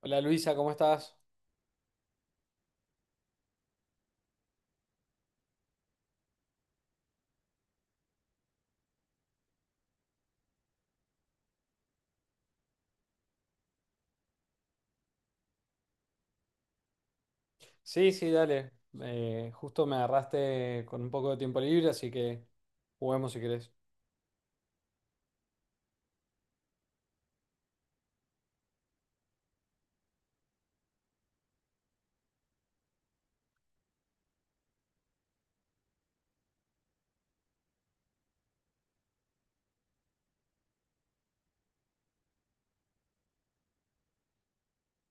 Hola Luisa, ¿cómo estás? Sí, sí, dale. Justo me agarraste con un poco de tiempo libre, así que juguemos si querés.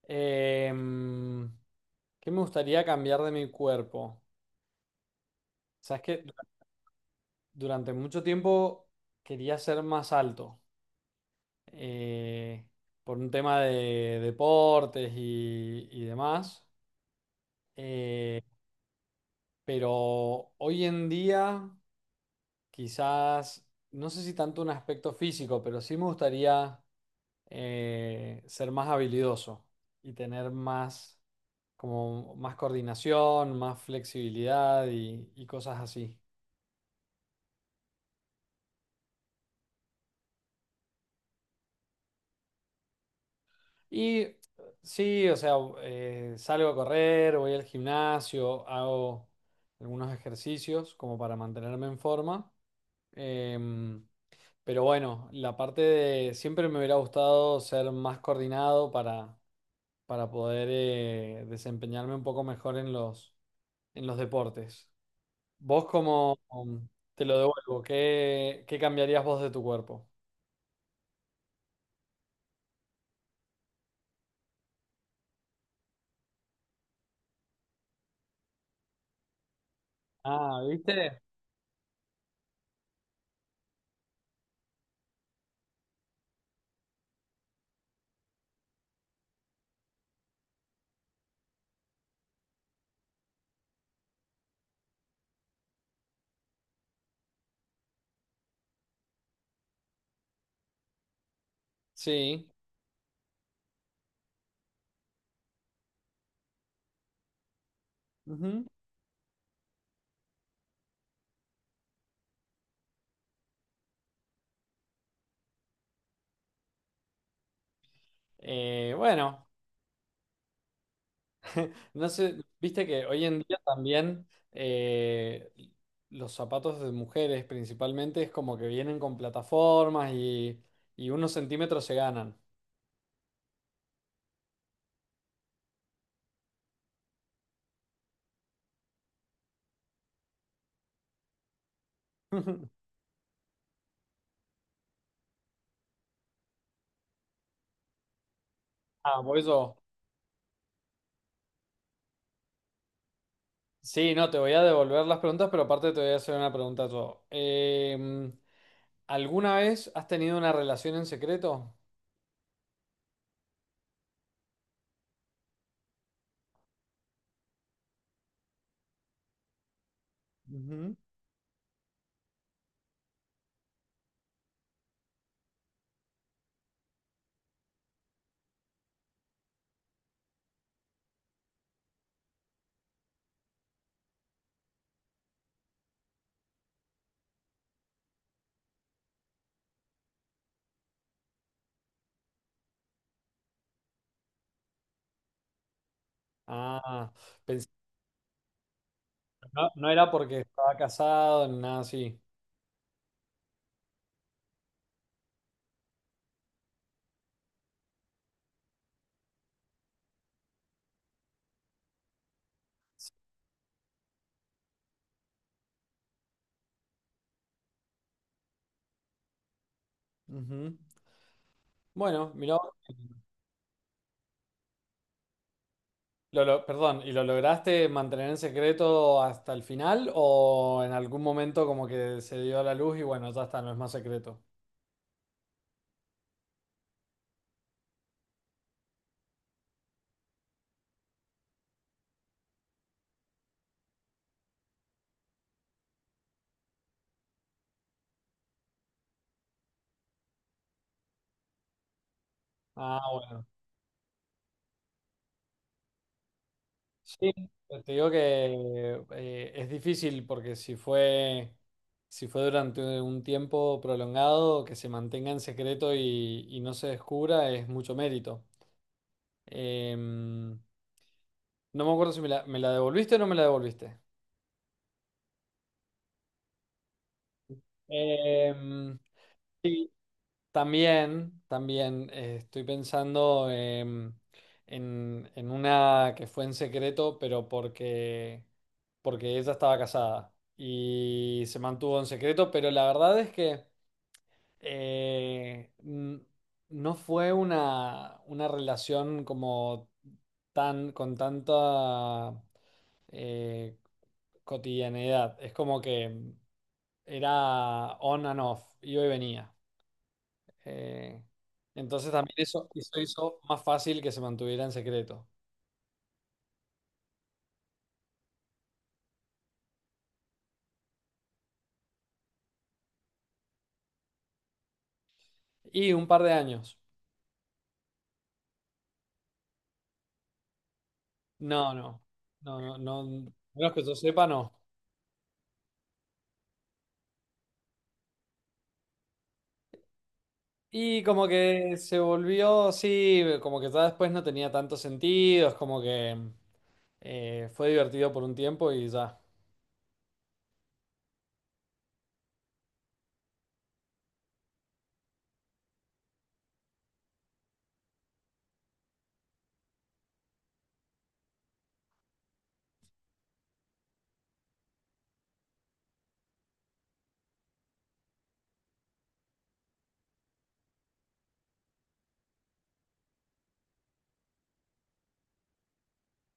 Em, ¿Qué me gustaría cambiar de mi cuerpo? Sabes que durante mucho tiempo quería ser más alto, eh, por un tema de deportes y demás. Eh, pero hoy en día quizás, no sé si tanto un aspecto físico, pero sí me gustaría... ser más habilidoso y tener más, como más coordinación, más flexibilidad y cosas así. Y sí, o sea, salgo a correr, voy al gimnasio, hago algunos ejercicios como para mantenerme en forma. Em, pero bueno, la parte de siempre me hubiera gustado ser más coordinado para poder desempeñarme un poco mejor en en los deportes. Vos como, te lo devuelvo, ¿ qué cambiarías vos de tu cuerpo? Ah, ¿viste? Sí. Ujú. Bueno, no sé, viste que hoy en día también, los zapatos de mujeres principalmente es como que vienen con plataformas y unos centímetros se ganan. Ah, por eso. Sí, no, te voy a devolver las preguntas, pero aparte te voy a hacer una pregunta yo. ¿Alguna vez has tenido una relación en secreto? Ujú. Ah, pensé, no, no era porque estaba casado ni nada así. Ujú. Bueno, mirá, perdón, ¿y lo lograste mantener en secreto hasta el final o en algún momento como que se dio la luz y bueno, ya está, no es más secreto? Ah, bueno. Sí, te digo que es difícil porque si fue, si fue durante un tiempo prolongado, que se mantenga en secreto y no se descubra es mucho mérito. Em, no me acuerdo si me me la devolviste o no me la devolviste. Em, Sí. También, también, estoy pensando, en una que fue en secreto, pero porque, porque ella estaba casada y se mantuvo en secreto, pero la verdad es que eh, n- no fue una relación como tan, con tanta eh, cotidianidad. Es como que era on and off, iba y venía. Eh, entonces también eso hizo más fácil que se mantuviera en secreto. Y un par de años. No, no, no, no, no, menos que yo sepa, no. Y como que se volvió, sí, como que ya después no tenía tanto sentido, es como que fue divertido por un tiempo y ya.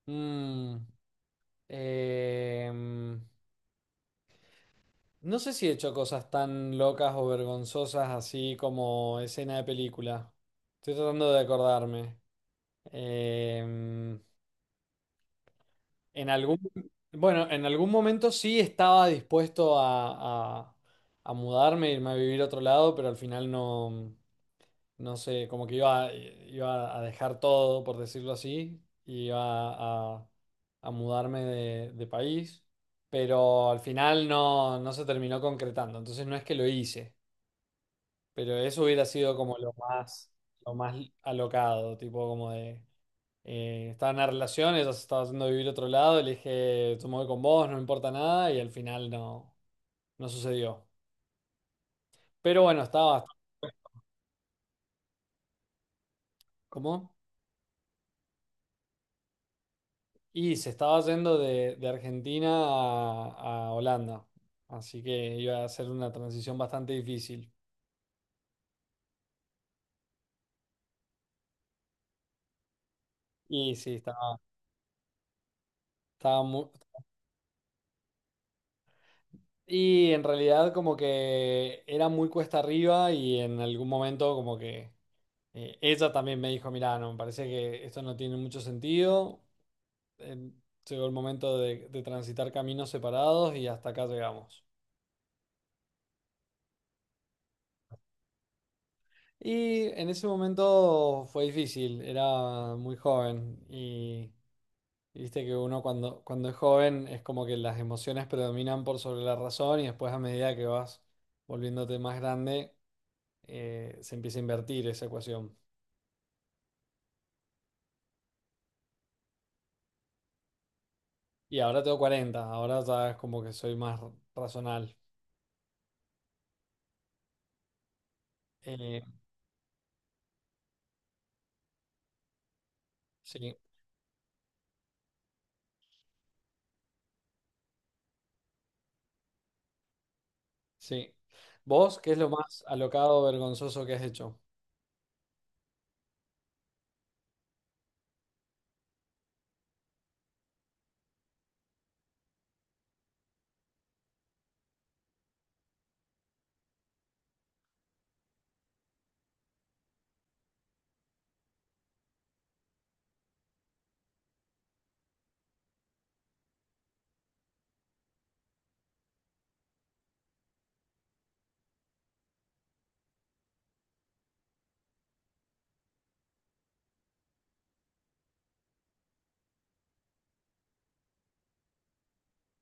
Mm, em, no sé si he hecho cosas tan locas o vergonzosas así como escena de película. Estoy tratando de acordarme. Em, en algún, bueno, en algún momento sí estaba dispuesto a mudarme, irme a vivir a otro lado, pero al final no. No sé, como que iba, iba a dejar todo, por decirlo así, y iba a mudarme de país, pero al final no, no se terminó concretando, entonces no es que lo hice, pero eso hubiera sido como lo más alocado, tipo como de... estaba en una relación, ella se estaba haciendo vivir a otro lado, y le dije, yo me voy con vos, no me importa nada, y al final no, no sucedió. Pero bueno, estaba bastante... ¿Cómo? Y se estaba yendo de Argentina a Holanda, así que iba a ser una transición bastante difícil. Y sí, estaba, estaba mu- Y en realidad como que era muy cuesta arriba y en algún momento como que ella también me dijo, mirá, no, me parece que esto no tiene mucho sentido. Eh, Llegó el momento de transitar caminos separados y hasta acá llegamos. Y en ese momento fue difícil, era muy joven. Y viste que uno cuando, cuando es joven es como que las emociones predominan por sobre la razón y después a medida que vas volviéndote más grande, se empieza a invertir esa ecuación. Y ahora tengo 40, ahora ya es como que soy más razonal. Eh, sí, sí. ¿Vos qué es lo más alocado vergonzoso que has hecho?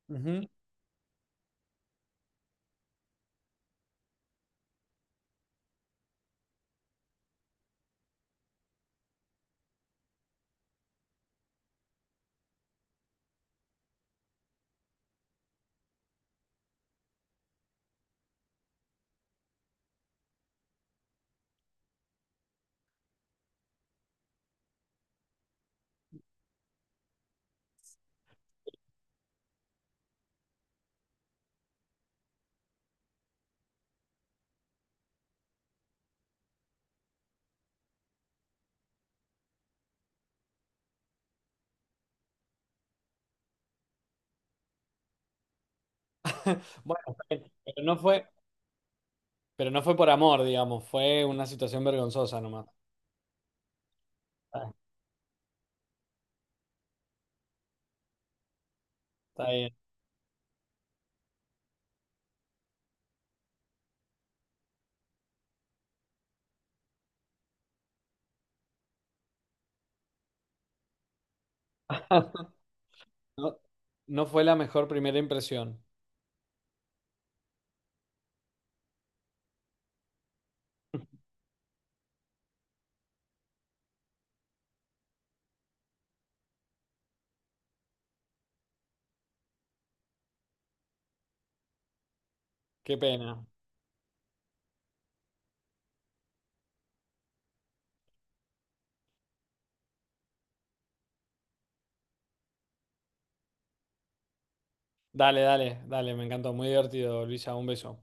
Ujú. Bueno, está, pero no fue, pero no fue por amor, digamos, fue una situación vergonzosa nomás. Está, está bien. No, no fue la mejor primera impresión. Qué pena. Dale, dale, dale, me encantó. Muy divertido, Luisa. Un beso.